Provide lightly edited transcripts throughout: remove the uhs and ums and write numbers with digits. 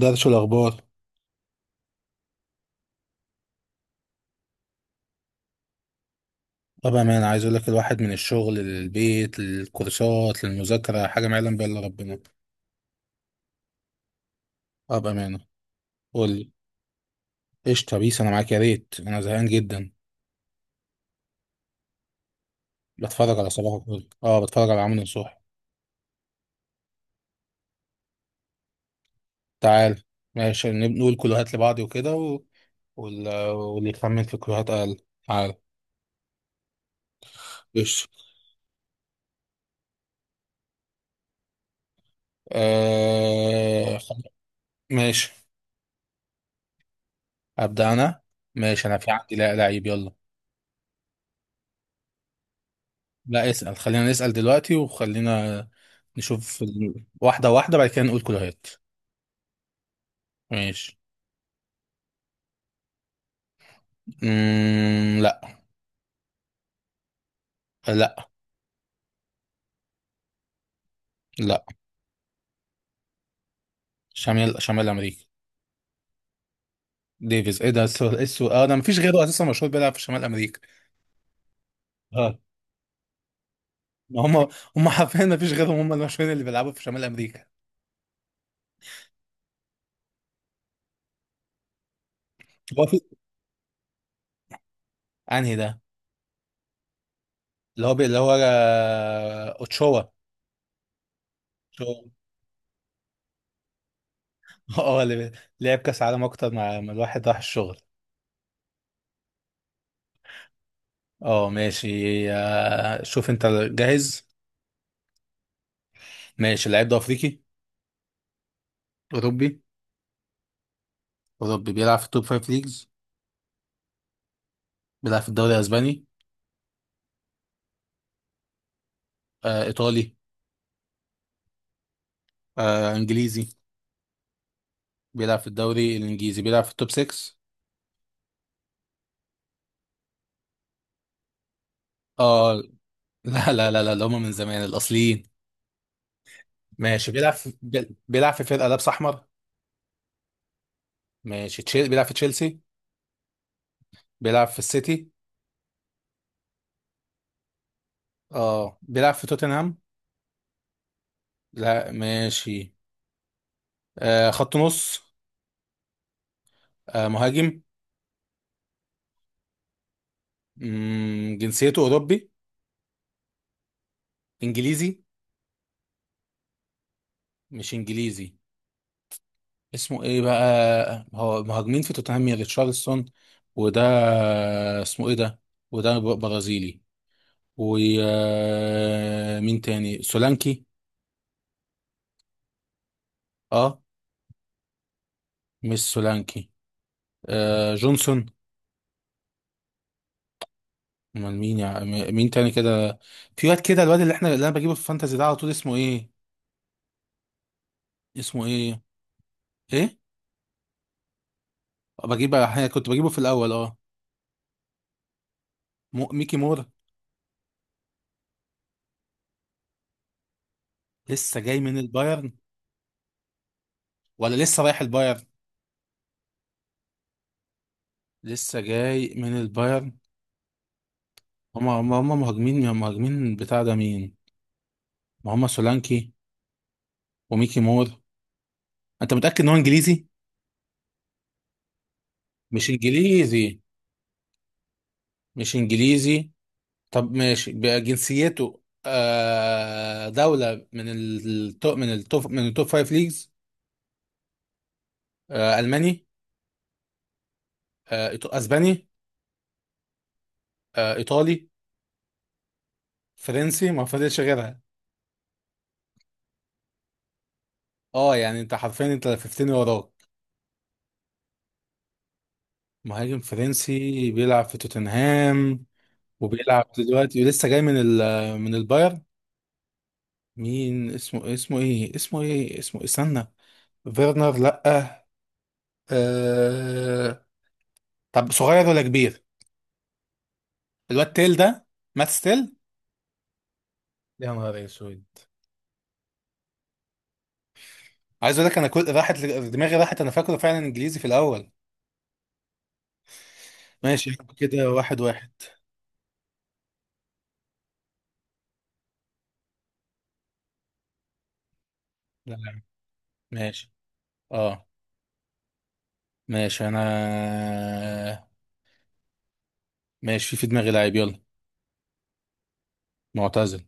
درش الأخبار. طبعا أنا عايز أقول لك الواحد من الشغل للبيت للكورسات للمذاكرة حاجة ما يعلم بها إلا ربنا. أه، بأمانة. قول لي. قشطة، بيس أنا معاك، يا ريت أنا زهقان جدا. بتفرج على صباح الفل، أه بتفرج على عمرو نصوح. تعال. ماشي، نقول كلوهات لبعض وكده واللي يخمن في كلوهات أقل. تعال. قشطة. آه... خل- ماشي. أبدأ أنا. ماشي أنا في عندي لا لعيب، يلا. لا اسأل، خلينا نسأل دلوقتي وخلينا نشوف واحدة واحدة بعد كده نقول كلهات. ماشي. لا. لا. لا شمال أمريكا. ديفيز، ايه ده؟ السؤال ايه؟ السؤال اه ده مفيش غيره اساسا مشهور بيلعب في شمال أمريكا. اه ما هم، هم حرفيا مفيش غيرهم، هم المشهورين اللي بيلعبوا في شمال أمريكا. هو في. انهي ده؟ اللي هو اوتشوا. أوتشوا. اه اللي لعب كأس عالم اكتر، مع الواحد راح الشغل. اه ماشي. شوف انت. جاهز؟ ماشي. اللاعب ده افريقي؟ أوروبي؟ أوروبي بيلعب في التوب فايف ليجز؟ بيلعب في الدوري الأسباني؟ آه إيطالي؟ آه إنجليزي؟ بيلعب في الدوري الإنجليزي، بيلعب في التوب 6؟ آه. لا، اللي هم من زمان الأصليين. ماشي، بيلعب في بيلعب في فرقة لابس أحمر؟ ماشي، تشيل بيلعب في تشيلسي؟ بيلعب في السيتي؟ آه بيلعب في توتنهام؟ لا ماشي. آه خط نص؟ آه مهاجم؟ مم، جنسيته أوروبي؟ إنجليزي؟ مش إنجليزي. اسمه ايه بقى؟ هو مهاجمين في توتنهام، يا ريتشارلسون. وده، اسمه ايه ده؟ وده برازيلي. ومين تاني، سولانكي؟ اه. مش سولانكي. آه جونسون؟ امال مين؟ يا مين تاني كده؟ في واد كده، الواد اللي احنا اللي انا بجيبه في الفانتازي ده على طول، اسمه ايه؟ اسمه ايه؟ ايه؟ بجيبه احيانا، كنت بجيبه في الاول اه. ميكي مور؟ لسه جاي من البايرن؟ ولا لسه رايح البايرن؟ لسه جاي من البايرن. هما هما مهاجمين، يا مهاجمين بتاع ده مين؟ ما هما سولانكي وميكي مور. انت متأكد ان هو انجليزي؟ مش انجليزي. مش انجليزي. طب ماشي بقى، جنسيته آه دولة من التوب، من التوب، من التوب فايف ليجز؟ آه الماني؟ اسباني؟ آه ايطالي؟ فرنسي، ما فضلش غيرها. اه يعني انت حرفيا انت لففتني وراك. مهاجم فرنسي بيلعب في توتنهام وبيلعب دلوقتي، ولسه جاي من من البايرن. مين اسمه؟ اسمه ايه؟ اسمه ايه؟ اسمه ايه؟ استنى. فيرنر لأ. آه... طب صغير ولا كبير؟ الواد تيل ده، مات ستيل. يا نهار اسود. عايز اقول لك انا كل راحت دماغي راحت. انا فاكره فعلا انجليزي في الاول. ماشي يعني كده واحد واحد. لا ماشي. اه ماشي انا. ماشي، في في دماغي لاعب يلا. معتزل.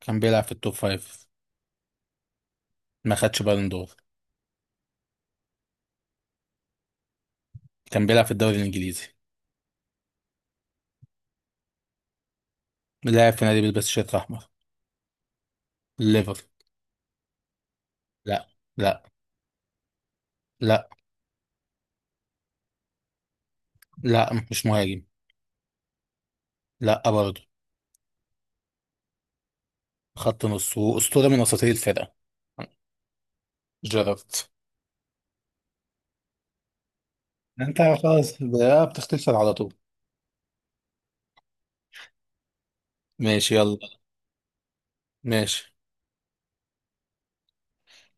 كان بيلعب في التوب فايف. ما خدش بالون دور. كان بيلعب في الدوري الانجليزي. لاعب في نادي بيلبس شيرت احمر. ليفر. لا. لا لا لا مش مهاجم. لا برضه. خط نص واسطوره من وسطيه الفرقه. جيرارد. انت خلاص بقى بتختلف على طول. ماشي يلا. ماشي.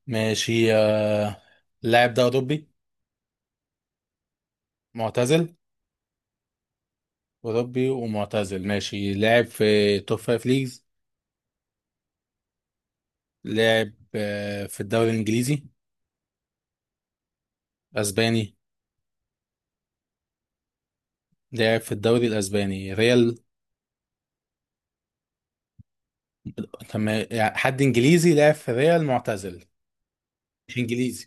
ماشي. آه... اللاعب ده اوروبي؟ معتزل؟ اوروبي ومعتزل ماشي. لاعب في توب فايف ليجز؟ لاعب آه... في الدوري الانجليزي؟ اسباني؟ لاعب في الدوري الاسباني، ريال؟ تم... يعني حد انجليزي لاعب في ريال معتزل؟ مش انجليزي.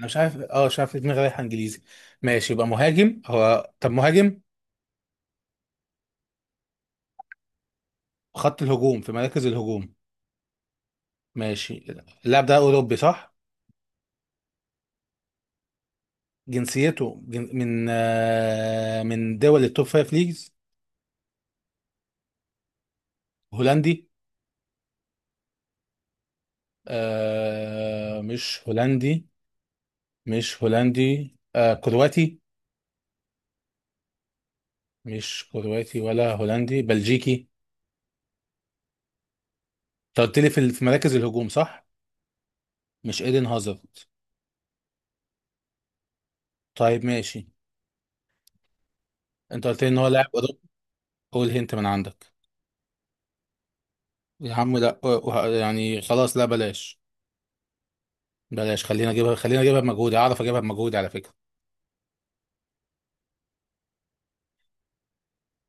انا مش عارف اه مش عارف ليه دماغي رايحه انجليزي. ماشي يبقى مهاجم هو؟ طب مهاجم؟ خط الهجوم، في مراكز الهجوم. ماشي. اللاعب ده اوروبي صح؟ جنسيته من آه... من دول التوب فايف ليجز؟ هولندي؟ آه... مش هولندي. مش هولندي. آه... كرواتي؟ مش كرواتي ولا هولندي. بلجيكي؟ انت قلت لي في في مراكز الهجوم صح؟ مش ايدن هازارد؟ طيب ماشي. انت قلت لي ان هو لاعب اوروبي. قول هنت من عندك. يا عم لا يعني خلاص لا بلاش. بلاش، خلينا اجيبها، خلينا اجيبها بمجهودي، اعرف اجيبها بمجهودي على فكرة.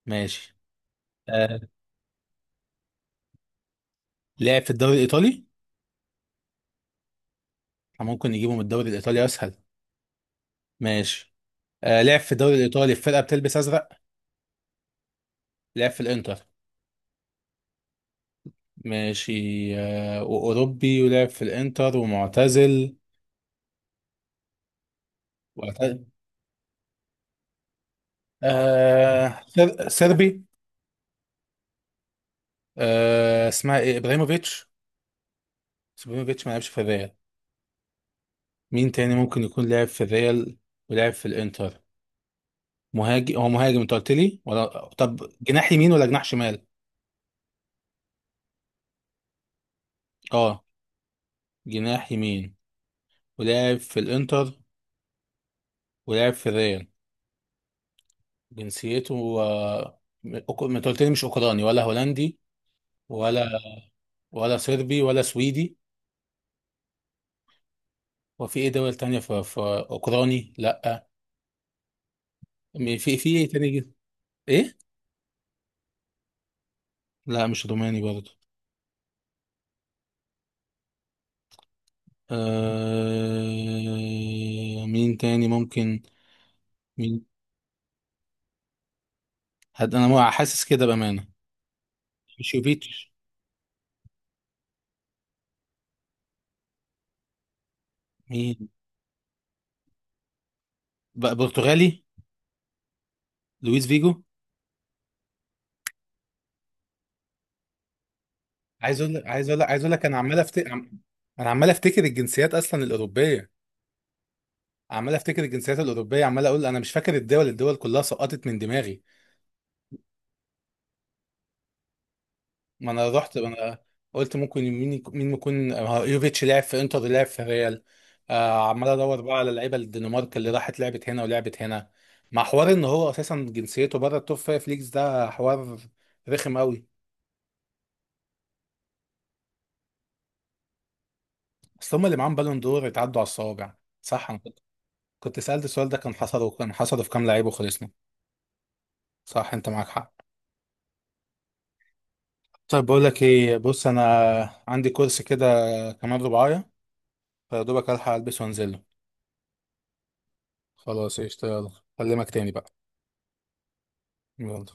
ماشي. آه. لعب في الدوري الايطالي. ممكن نجيبه من الدوري الايطالي اسهل. ماشي. آه. لعب في الدوري الايطالي في فرقة بتلبس ازرق؟ لعب في الانتر؟ ماشي. آه. واوروبي ولعب في الانتر ومعتزل. وأعت- آه. سربي؟ آه. اسمها ايه، ابراهيموفيتش؟ بس ابراهيموفيتش ما لعبش في الريال. مين تاني ممكن يكون لعب في الريال ولعب في الانتر؟ مهاجم هو، مهاجم انت قلت لي؟ ولا طب جناح يمين ولا جناح شمال؟ اه جناح يمين. ولعب في الانتر ولعب في الريال. جنسيته ما انت قلت لي مش اوكراني ولا هولندي، ولا ولا صربي ولا سويدي. وفي ايه دول تانية؟ في اوكراني لا. في في ايه تاني ايه؟ لا مش روماني برضه. آه... مين تاني ممكن؟ مين؟ انا حاسس كده بامانه. مش يوفيتش؟ مين؟ بقى برتغالي؟ لويس فيجو. عايز اقول لك، انا عمال افتكر. انا عمال افتكر الجنسيات اصلا الاوروبيه. عمال افتكر الجنسيات الاوروبيه، عمال اقول انا مش فاكر الدول، الدول كلها سقطت من دماغي. ما انا رحت ما انا قلت ممكن مين مين يكون، يوفيتش لعب في انتر لعب في ريال. عمال ادور بقى على لعيبه الدنمارك اللي راحت لعبت هنا ولعبت هنا، مع حوار ان هو اساسا جنسيته بره التوب فايف ليجز. ده حوار رخم قوي. اصل هم اللي معاهم بالون دور اتعدوا على الصوابع. صح؟ كنت سألت السؤال ده كان حصل، كان حصل في كام لعيب وخلصنا. صح، انت معاك حق. طيب بقول لك ايه، بص انا عندي كورس كده كمان ربعاية، فيا دوبك الحق البس وانزله. خلاص قشطة يلا. اكلمك تاني بقى. يلا.